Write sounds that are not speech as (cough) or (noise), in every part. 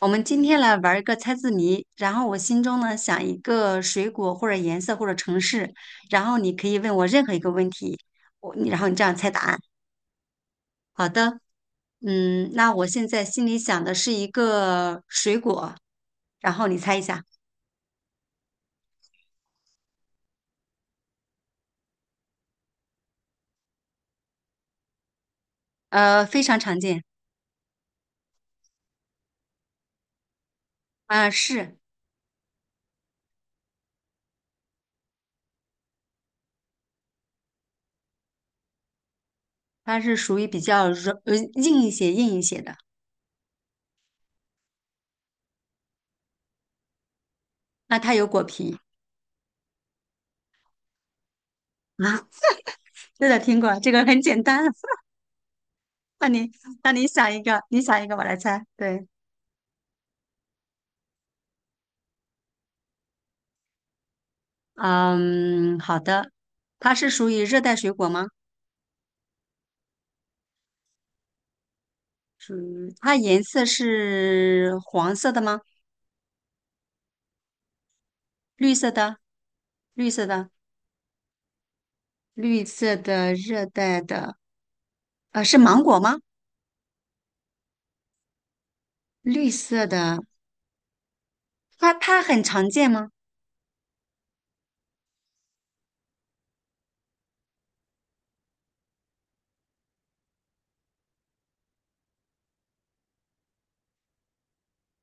我们今天来玩儿一个猜字谜，然后我心中呢想一个水果或者颜色或者城市，然后你可以问我任何一个问题，然后你这样猜答案。好的，嗯，那我现在心里想的是一个水果，然后你猜一下，非常常见，啊、是，它是属于比较硬一些的，那它有果皮。啊，对的，听过，这个很简单，(laughs) 那你那你想一个，你想一个，我来猜，对。嗯，好的。它是属于热带水果吗？属于它颜色是黄色的吗？绿色的，绿色的，绿色的热带的，是芒果吗？绿色的，它很常见吗？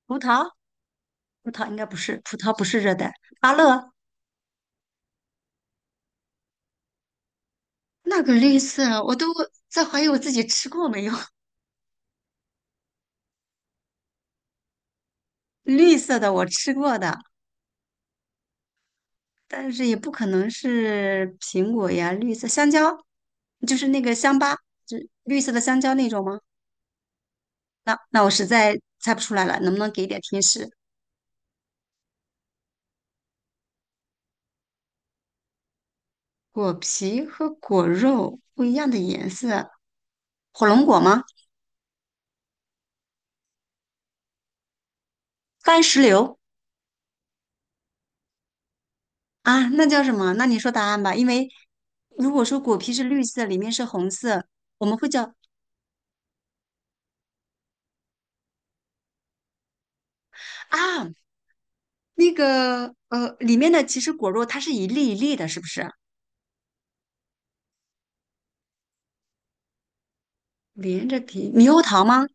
葡萄，葡萄应该不是，葡萄不是热带。芭乐，那个绿色，我都在怀疑我自己吃过没有。(laughs) 绿色的我吃过的，但是也不可能是苹果呀，绿色香蕉，就是那个香巴，就绿色的香蕉那种吗？那那我实在猜不出来了，能不能给一点提示？果皮和果肉不一样的颜色，火龙果吗？番石榴。啊，那叫什么？那你说答案吧，因为如果说果皮是绿色，里面是红色，我们会叫啊那个里面的其实果肉它是一粒一粒的，是不是？连着皮猕猴桃吗？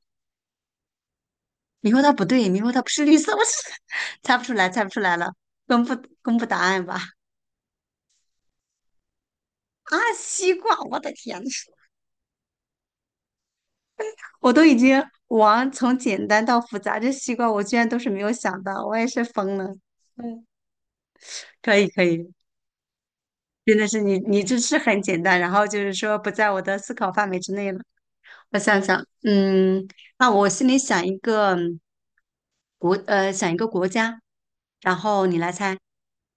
你说它不对，你说它不是绿色，我是 (laughs) 猜不出来，猜不出来了，公布公布答案吧。啊，西瓜，我的天呐，我都已经往从简单到复杂，这西瓜我居然都是没有想到，我也是疯了。嗯，可以可以，真的是你这是很简单，然后就是说不在我的思考范围之内了。我想想，嗯，那我心里想一个嗯国呃想一个国家，然后你来猜，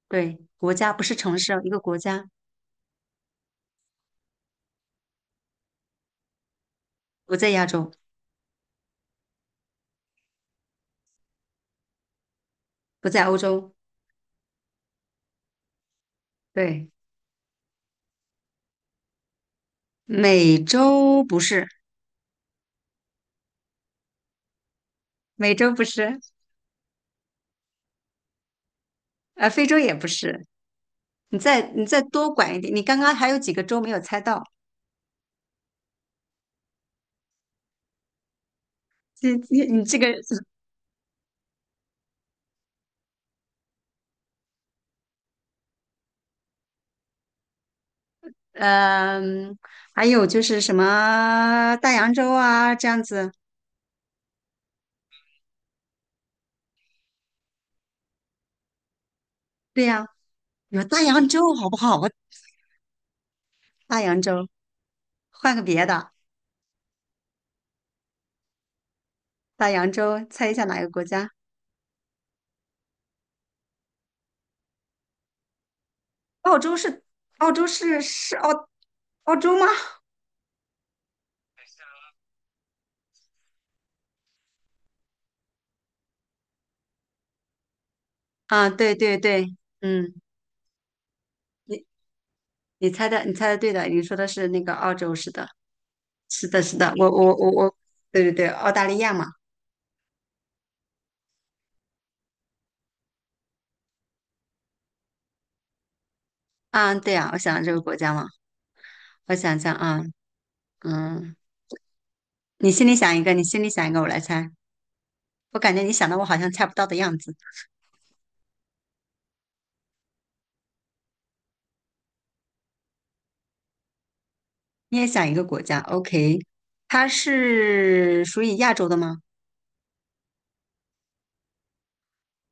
对，国家不是城市哦一个国家不在亚洲。不在欧洲，对，美洲不是，美洲不是，非洲也不是。你再多管一点，你刚刚还有几个州没有猜到？你你你这个，嗯、还有就是什么大洋洲啊，这样子。对呀、有大洋洲好不好？大洋洲，换个别的，大洋洲，猜一下哪个国家？澳洲是澳洲是是澳澳洲吗？啊，对对对，嗯，你猜的，你猜的对的，你说的是那个澳洲，是的，是的，是的，我，对对对，澳大利亚嘛，啊，对啊，我想这个国家嘛，我想想啊，嗯，你心里想一个，你心里想一个，我来猜，我感觉你想的我好像猜不到的样子，你也想一个国家，OK，它是属于亚洲的吗？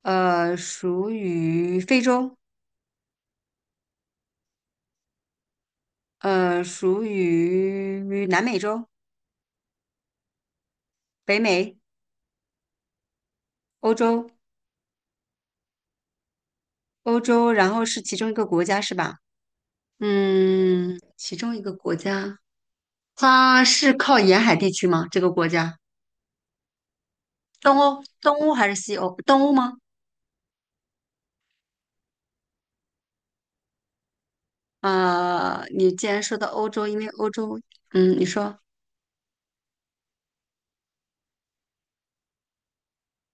呃，属于非洲，呃，属于南美洲、北美、欧洲，欧洲，然后是其中一个国家是吧？嗯，其中一个国家，它是靠沿海地区吗？这个国家，东欧，东欧还是西欧？东欧吗？啊，你既然说到欧洲，因为欧洲，嗯，你说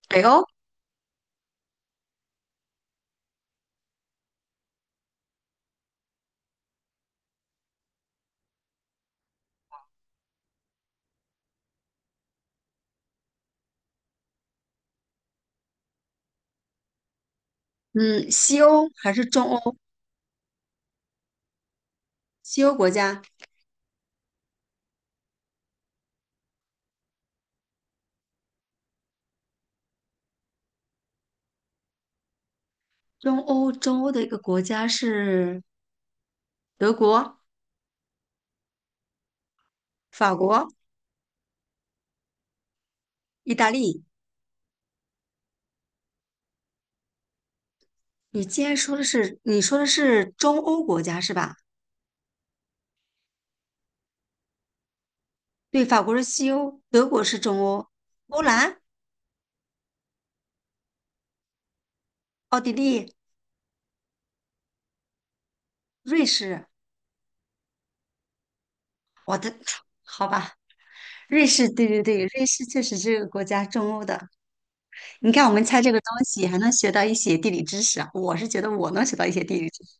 北欧，嗯，西欧还是中欧？西欧国家，中欧，中欧的一个国家是德国、法国、意大利。你既然说的是，你说的是中欧国家是吧？对，法国是西欧，德国是中欧，波兰、奥地利、瑞士。我的，好吧，瑞士，对对对，瑞士确实是个国家中欧的。你看，我们猜这个东西还能学到一些地理知识啊。我是觉得我能学到一些地理知识。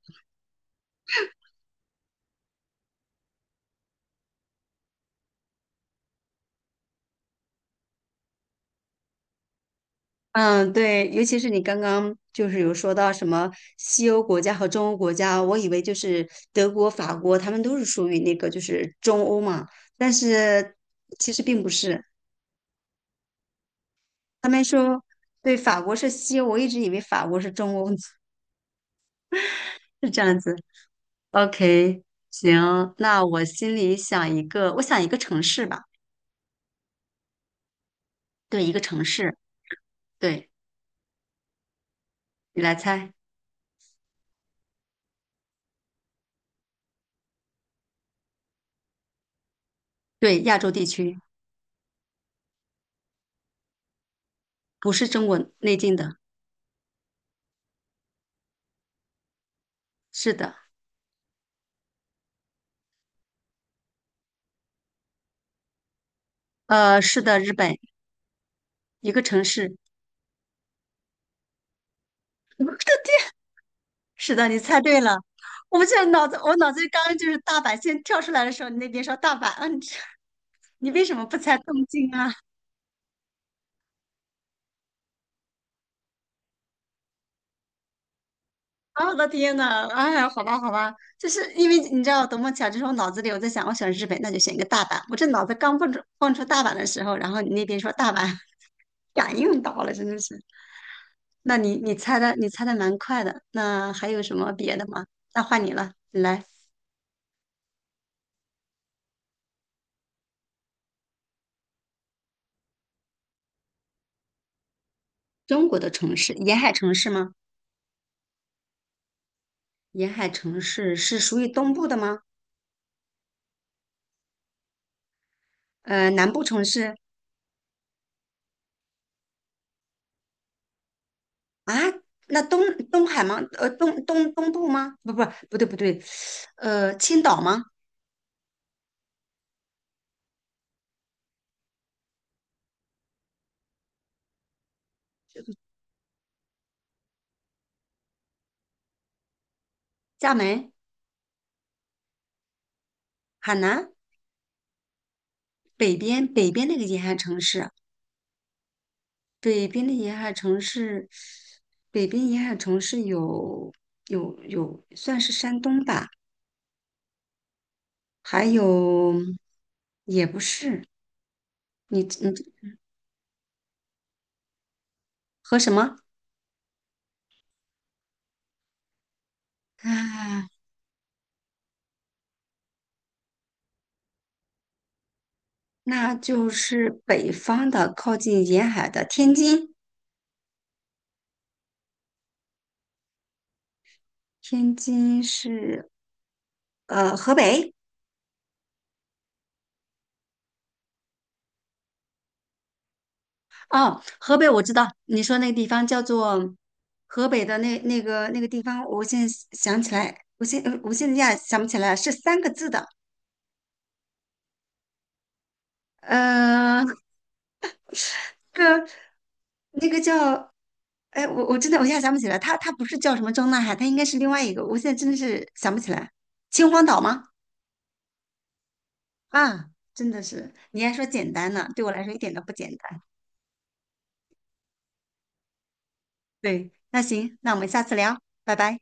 嗯，对，尤其是你刚刚就是有说到什么西欧国家和中欧国家，我以为就是德国、法国，他们都是属于那个就是中欧嘛，但是其实并不是。他们说，对，法国是西欧，我一直以为法国是中欧，(laughs) 是这样子。OK，行，那我心里想一个，我想一个城市吧，对，一个城市，对，你来猜，对，亚洲地区，不是中国内地的，是的，是的，日本一个城市，(laughs) 我的天是的，你猜对了，我现在脑子，我脑子里刚刚就是大阪，先跳出来的时候，你那边说大阪，嗯、啊你 (laughs) 你为什么不猜东京啊？啊，我的天呐，哎呀，好吧，好吧，就是因为你知道，多么巧，就是我脑子里我在想，我选日本，那就选一个大阪。我这脑子刚蹦出大阪的时候，然后你那边说大阪，(laughs) 感应到了，真的是。那你猜的，你猜的蛮快的。那还有什么别的吗？那换你了，你来。中国的城市，沿海城市吗？沿海城市是属于东部的吗？呃，南部城市啊？那东海吗？呃，东部吗？不对不对，青岛吗？厦门？海南北边那个沿海城市，北边的沿海城市，北边沿海城市有有算是山东吧，还有也不是，你你和什么啊？那就是北方的靠近沿海的天津，天津是河北。哦，河北我知道，你说那个地方叫做河北的那个地方，我现在想起来，我现在一下想不起来，是三个字的，呃，个那个叫，哎，我真的我一下想不起来，它不是叫什么张大海，它应该是另外一个，我现在真的是想不起来，秦皇岛吗？啊，真的是，你还说简单呢，对我来说一点都不简单。对，那行，那我们下次聊，拜拜。